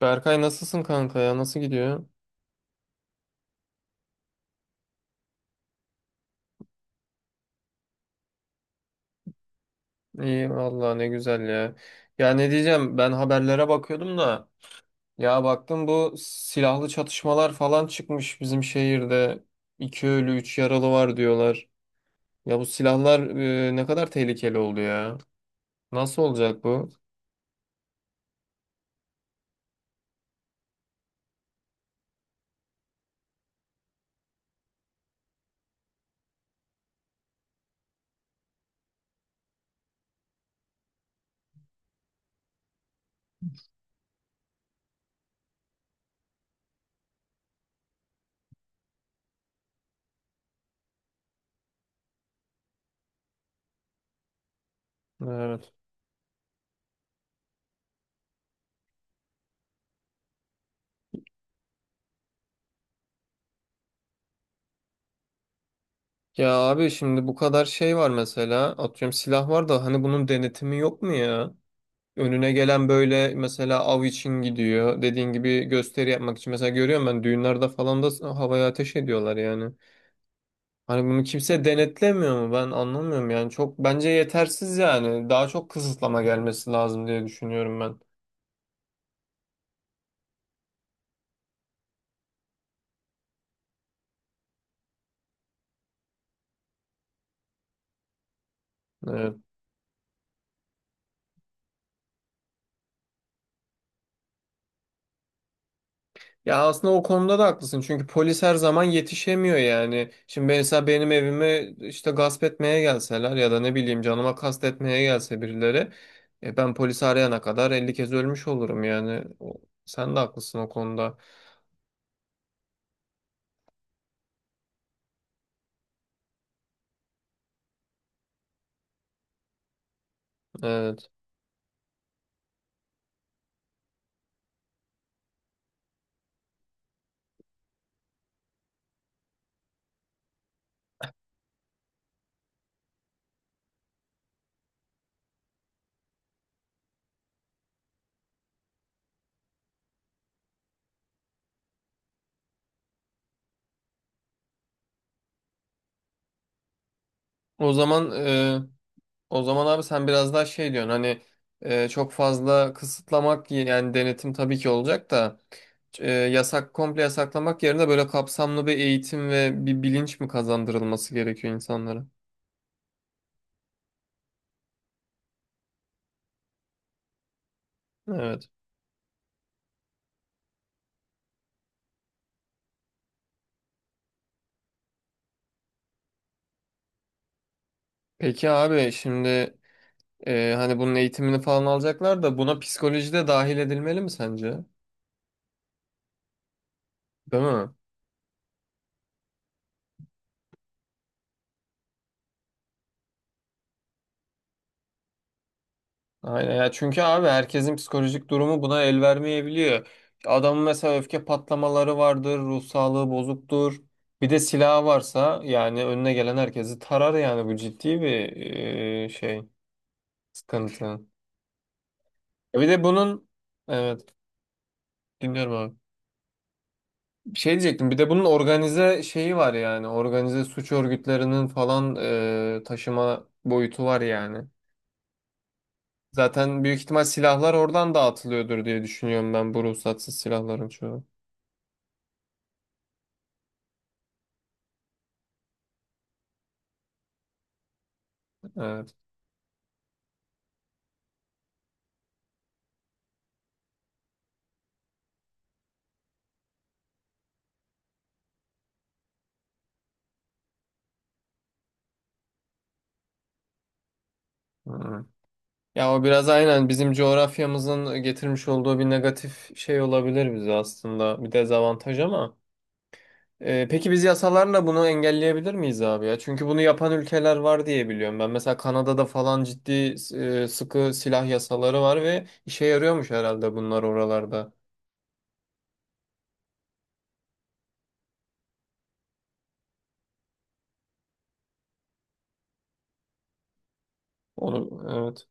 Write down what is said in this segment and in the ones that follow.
Berkay, nasılsın kanka ya? Nasıl gidiyor? İyi valla, ne güzel ya. Ya ne diyeceğim, ben haberlere bakıyordum da ya baktım, bu silahlı çatışmalar falan çıkmış bizim şehirde. İki ölü üç yaralı var diyorlar. Ya bu silahlar ne kadar tehlikeli oldu ya. Nasıl olacak bu? Evet. Ya abi, şimdi bu kadar şey var, mesela atıyorum silah var da hani bunun denetimi yok mu ya? Önüne gelen böyle mesela av için gidiyor. Dediğin gibi gösteri yapmak için. Mesela görüyorum, ben düğünlerde falan da havaya ateş ediyorlar yani. Hani bunu kimse denetlemiyor mu? Ben anlamıyorum yani. Çok bence yetersiz yani. Daha çok kısıtlama gelmesi lazım diye düşünüyorum ben. Evet. Ya aslında o konuda da haklısın, çünkü polis her zaman yetişemiyor yani. Şimdi mesela benim evime işte gasp etmeye gelseler ya da ne bileyim canıma kastetmeye gelse birileri ben polisi arayana kadar 50 kez ölmüş olurum yani. Sen de haklısın o konuda. Evet. O zaman e, O zaman abi, sen biraz daha şey diyorsun, hani çok fazla kısıtlamak, yani denetim tabii ki olacak da yasak, komple yasaklamak yerine böyle kapsamlı bir eğitim ve bir bilinç mi kazandırılması gerekiyor insanlara? Evet. Peki abi, şimdi hani bunun eğitimini falan alacaklar da buna psikoloji de dahil edilmeli mi sence? Değil mi? Aynen ya, çünkü abi herkesin psikolojik durumu buna el vermeyebiliyor. Adamın mesela öfke patlamaları vardır, ruh sağlığı bozuktur. Bir de silahı varsa yani önüne gelen herkesi tarar, yani bu ciddi bir e, şey sıkıntı. Bir de bunun evet, dinliyorum abi. Şey diyecektim, bir de bunun organize şeyi var, yani organize suç örgütlerinin falan taşıma boyutu var yani. Zaten büyük ihtimal silahlar oradan dağıtılıyordur diye düşünüyorum ben, bu ruhsatsız silahların çoğu. Evet. Hı. Ya o biraz aynen bizim coğrafyamızın getirmiş olduğu bir negatif şey olabilir, bize aslında bir dezavantaj ama. Peki biz yasalarla bunu engelleyebilir miyiz abi ya? Çünkü bunu yapan ülkeler var diye biliyorum ben. Mesela Kanada'da falan ciddi sıkı silah yasaları var ve işe yarıyormuş herhalde bunlar oralarda. Onu evet.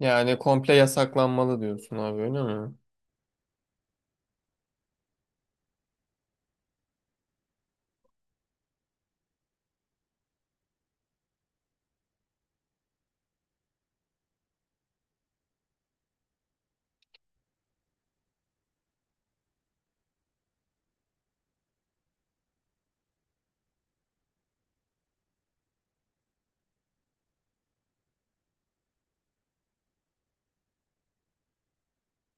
Yani komple yasaklanmalı diyorsun abi, öyle mi?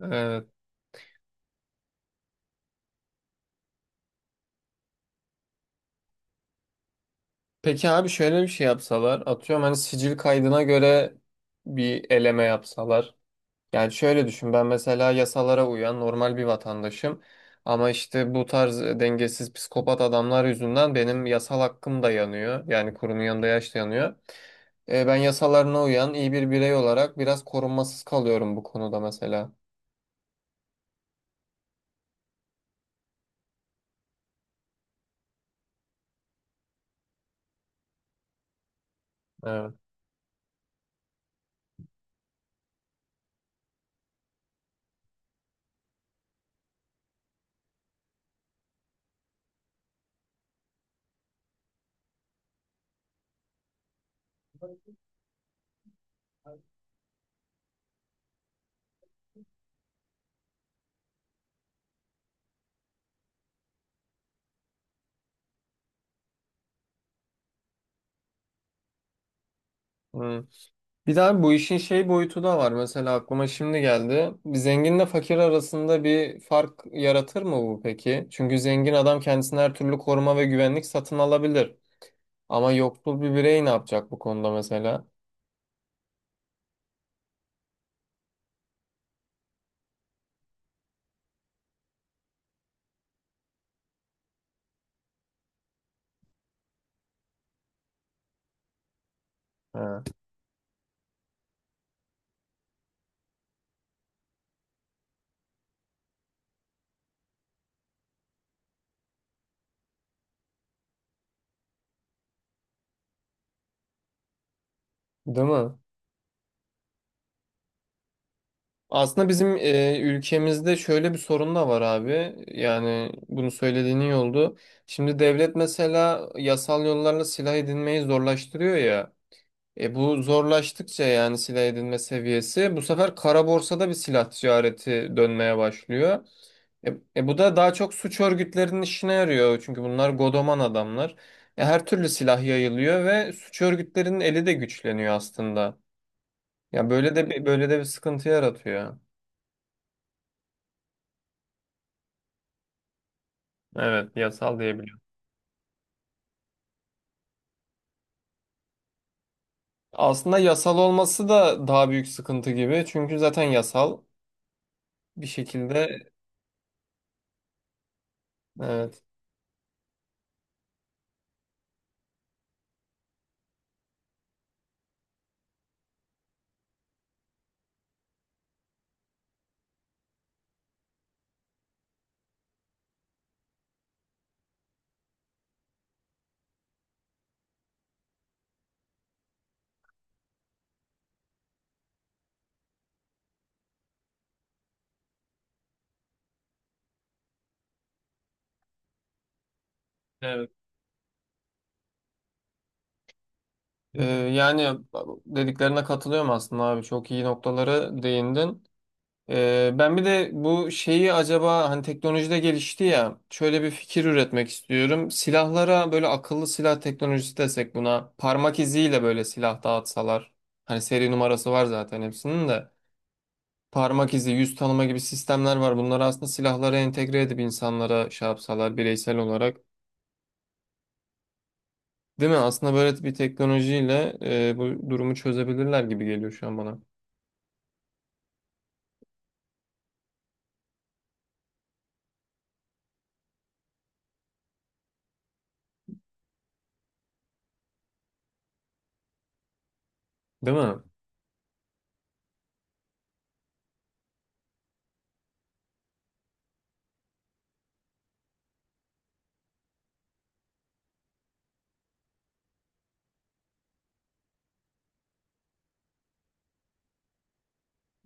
Evet. Peki abi, şöyle bir şey yapsalar, atıyorum hani sicil kaydına göre bir eleme yapsalar. Yani şöyle düşün, ben mesela yasalara uyan normal bir vatandaşım, ama işte bu tarz dengesiz psikopat adamlar yüzünden benim yasal hakkım da yanıyor. Yani kurunun yanında yaş da yanıyor. Ben yasalarına uyan iyi bir birey olarak biraz korunmasız kalıyorum bu konuda mesela. Evet. Hmm. Bir daha bu işin şey boyutu da var, mesela aklıma şimdi geldi. Zenginle fakir arasında bir fark yaratır mı bu peki? Çünkü zengin adam kendisine her türlü koruma ve güvenlik satın alabilir. Ama yoksul bir birey ne yapacak bu konuda mesela? Ha. Değil mi? Aslında bizim ülkemizde şöyle bir sorun da var abi. Yani bunu söylediğin iyi oldu. Şimdi devlet mesela yasal yollarla silah edinmeyi zorlaştırıyor ya. E bu zorlaştıkça yani silah edinme seviyesi, bu sefer kara borsada bir silah ticareti dönmeye başlıyor. E, bu da daha çok suç örgütlerinin işine yarıyor. Çünkü bunlar godoman adamlar. Her türlü silah yayılıyor ve suç örgütlerinin eli de güçleniyor aslında. Ya böyle de bir sıkıntı yaratıyor. Evet, yasal diyebiliyorum. Aslında yasal olması da daha büyük sıkıntı gibi. Çünkü zaten yasal bir şekilde evet. Evet. Yani dediklerine katılıyorum aslında abi. Çok iyi noktalara değindin. Ben bir de bu şeyi, acaba hani teknolojide gelişti ya, şöyle bir fikir üretmek istiyorum. Silahlara böyle akıllı silah teknolojisi desek, buna parmak iziyle böyle silah dağıtsalar. Hani seri numarası var zaten hepsinin de. Parmak izi, yüz tanıma gibi sistemler var. Bunları aslında silahlara entegre edip insanlara şey yapsalar bireysel olarak. Değil mi? Aslında böyle bir teknolojiyle bu durumu çözebilirler gibi geliyor şu an bana. Değil mi?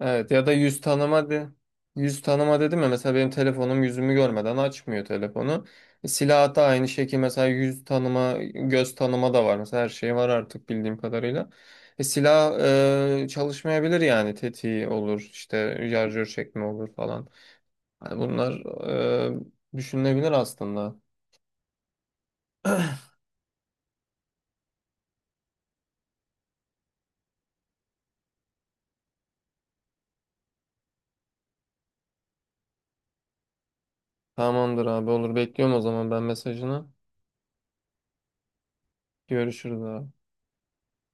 Evet ya da yüz tanıma dedim ya, mesela benim telefonum yüzümü görmeden açmıyor telefonu. Silah da aynı şekilde, mesela yüz tanıma, göz tanıma da var. Mesela her şey var artık bildiğim kadarıyla. Silah çalışmayabilir, yani tetiği olur işte, şarjör çekme olur falan. Hani bunlar düşünülebilir aslında. Tamamdır abi, olur, bekliyorum o zaman ben mesajını. Görüşürüz abi.